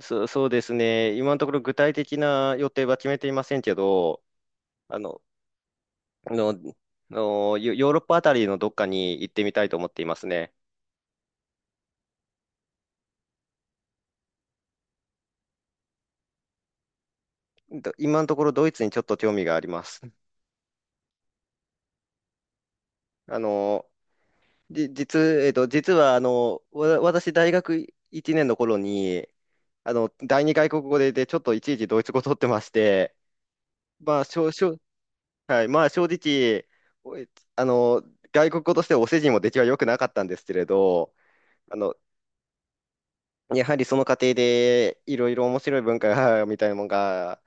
そうですね。今のところ具体的な予定は決めていませんけど、あの、の、のヨヨーロッパあたりのどっかに行ってみたいと思っていますね。今のところドイツにちょっと興味があります。あの、じ、実、えっと、実は私大学1年の頃に、第二外国語で、ちょっといちいちドイツ語取ってまして、まあ、しょ、しょ、はい、まあ、正直、おえあの、外国語としてお世辞も出来は良くなかったんですけれど、あの、やはりその過程でいろいろ面白い文化が みたいなものが、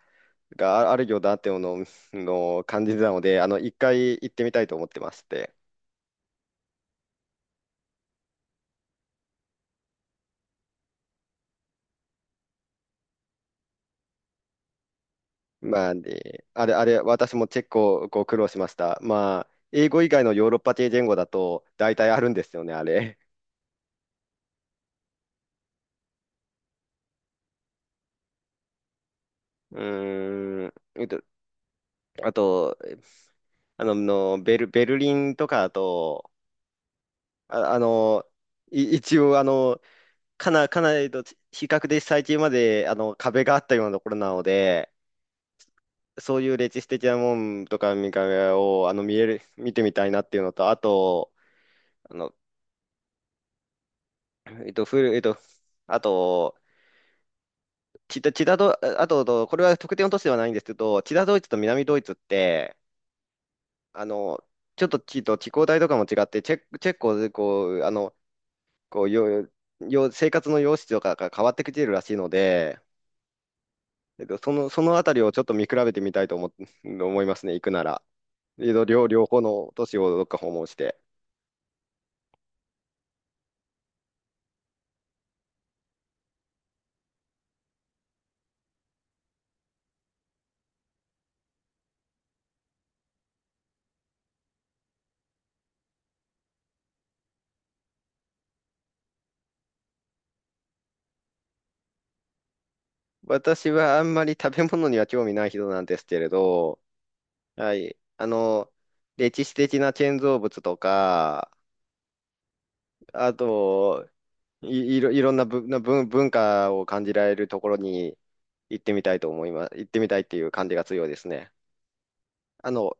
あるようだっていうのを感じてたので、一回行ってみたいと思ってまして。まあ、で、あれ、私もチェックをこう苦労しました。まあ、英語以外のヨーロッパ系言語だと大体あるんですよね、あれ。うーん、あと、あの、のベル、ベルリンとかだと、あ、あの、一応、かなりと比較で最近まであの壁があったようなところなので、そういう歴史的なもんとか見かけを、あの、見える、見てみたいなっていうのと、あと、あの、えっと、あと、チダ、チダド、あと、これは特定の都市ではないんですけど、チダドイツと南ドイツって、あの、ちょっと地と気候帯とかも違って、チェ、チェコ、こう、あの、こう、よ、よ、生活の様式とかが変わってきているらしいので、そのあたりをちょっと見比べてみたいと思いますね、行くなら。両方の都市をどっか訪問して。私はあんまり食べ物には興味ない人なんですけれど、はい。歴史的な建造物とか、あと、いろんなぶな文、文化を感じられるところに行ってみたいと思います。行ってみたいっていう感じが強いですね。あの、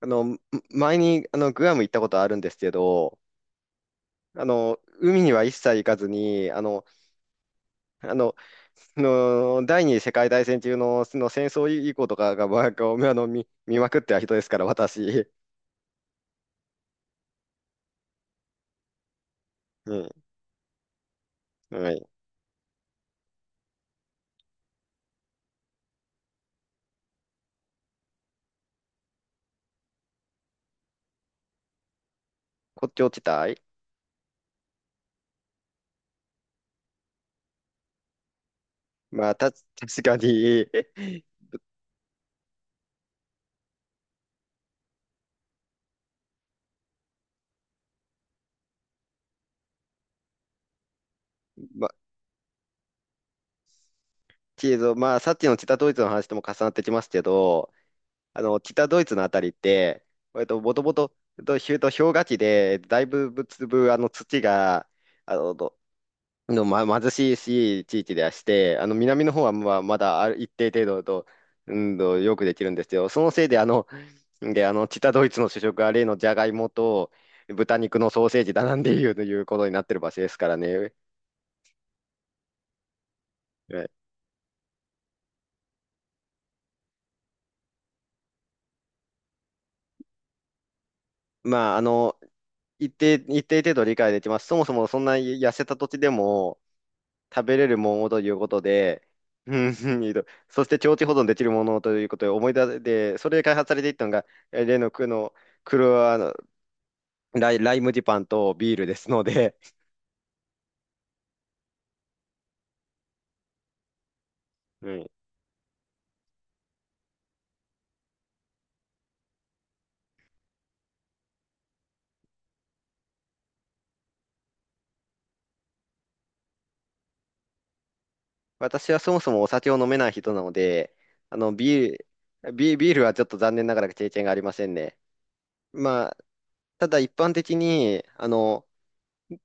あの、ん前に、グアム行ったことあるんですけど、海には一切行かずに、あの、第二次世界大戦中の、その戦争以降とかが、まあ、こう見まくってた人ですから、私。うん。はい。骨頂地帯。まあ、確かに。まあ、けど、まあ、さっきの北ドイツの話とも重なってきますけど、北ドイツのあたりって、もともと、と、ひゅと氷河期で、だいぶ、ぶつぶ、あの、土が、あの、どの、ま、貧しいし地域ではして、あの南の方はまあまだある一定程度と、よくできるんですよ。そのせいで、北ドイツの主食は例のジャガイモと豚肉のソーセージだなんていうということになってる場所ですからね。はい。まあ、一定程度理解できます。そもそもそんな痩せた土地でも食べれるものということで、うんうん、いいと、そして長期保存できるものということで思い出で、それで開発されていったのが、例の、くの、クロアライ、ライ麦パンとビールですので、うん、私はそもそもお酒を飲めない人なので、あの、ビービールはちょっと残念ながら経験がありませんね。まあ、ただ一般的に、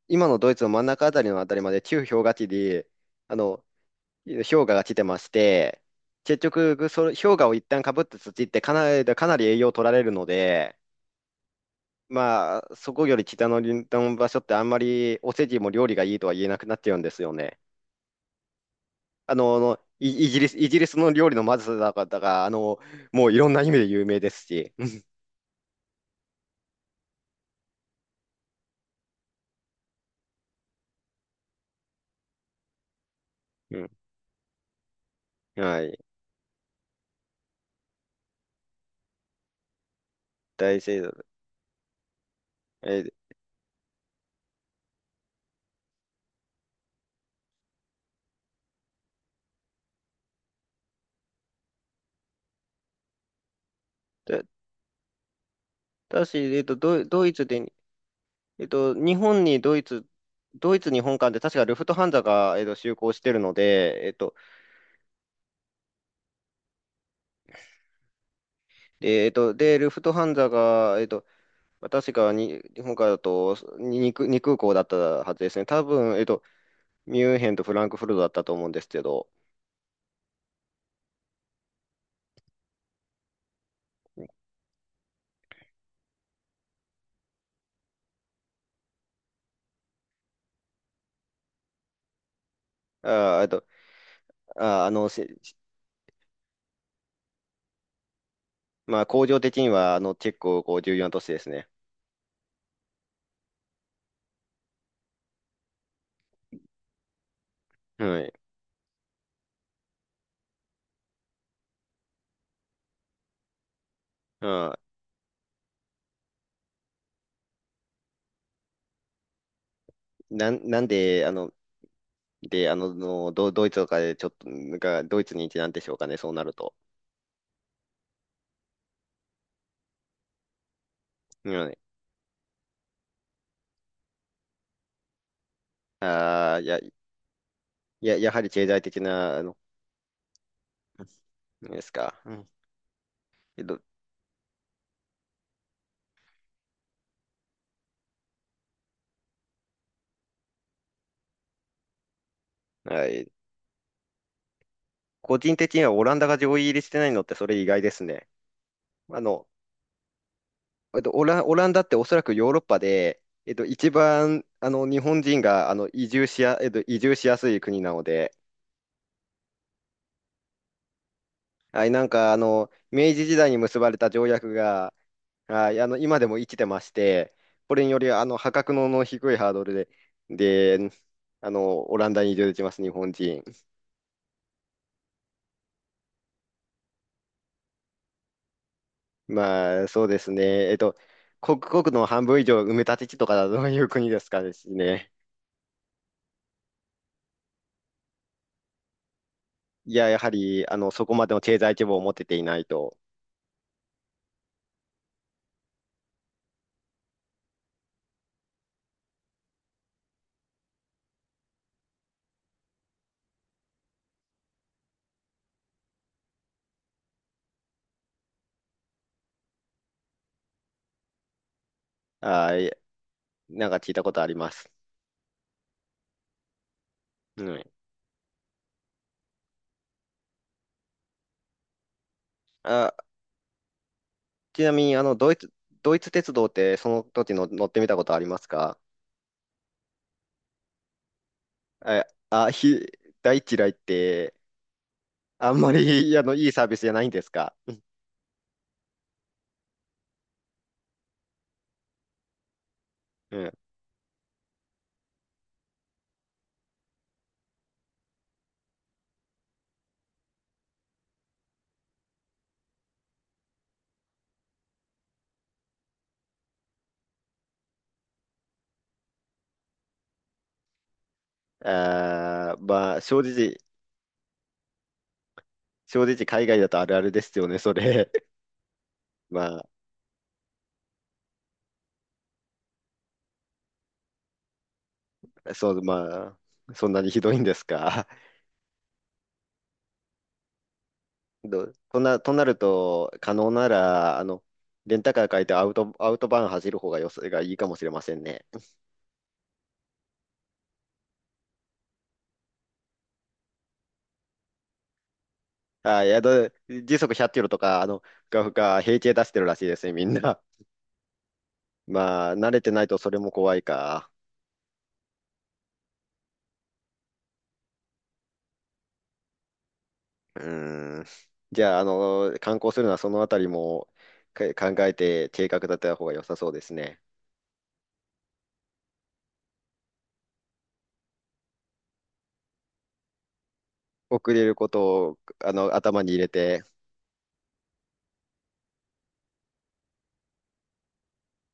今のドイツの真ん中あたりのあたりまで旧氷河期で、あの、氷河が来てまして、結局、それ氷河を一旦かぶった土ってかなり、かなり栄養を取られるので、まあ、そこより北の林道の場所ってあんまりお世辞も料理がいいとは言えなくなっちゃうんですよね。イギリスの料理のまずさだから、もういろんな意味で有名ですし。うん。はい。大聖堂。えー、だ、だし、ドイツで、えっと、日本にドイツ、ドイツ日本間で確かルフトハンザが、就航してるので、ルフトハンザが、確かに日本からだとに2、に空港だったはずですね。多分、ミュンヘンとフランクフルトだったと思うんですけど、あー、えっと、あー、あの、しまあ、工場的には、結構、こう、重要な都市ですね。はい。まあ、なんで、あの、で、あの、のド、ドイツとかで、ちょっと、ドイツになんでしょうかね、そうなると。はい。ああ、やはり経済的な、ですか。うん。けど、はい。個人的にはオランダが上位入りしてないのって、それ意外ですね。あの、オランダっておそらくヨーロッパで、一番、日本人が、移住しやすい国なので、はい、なんかあの明治時代に結ばれた条約が、はい、今でも生きてまして、これによりあの破格の低いハードルで、オランダに移住できます、日本人。まあそうですね、国の半分以上埋め立て地とかだとどういう国ですかですね。いや、やはりそこまでの経済規模を持てていないと、はい、なんか聞いたことあります。うん、あ、ちなみにドイツ鉄道ってその時の乗ってみたことありますか？え、あ、大嫌いって、あんまり、いいサービスじゃないんですか？うん。まあ、正直、海外だとあるあるですよね、それ。まあ、そう、まあ、そんなにひどいんですか。ど、とな、となると、可能なら、レンタカー借りてアウトバーン走る方がよす、がいいかもしれませんね。いや、時速100キロとか、が、平気で出してるらしいですね、みんな。まあ、慣れてないとそれも怖いか。うーん。じゃあ、観光するのはそのあたりも考えて計画立てた方が良さそうですね。遅れることを、頭に入れて、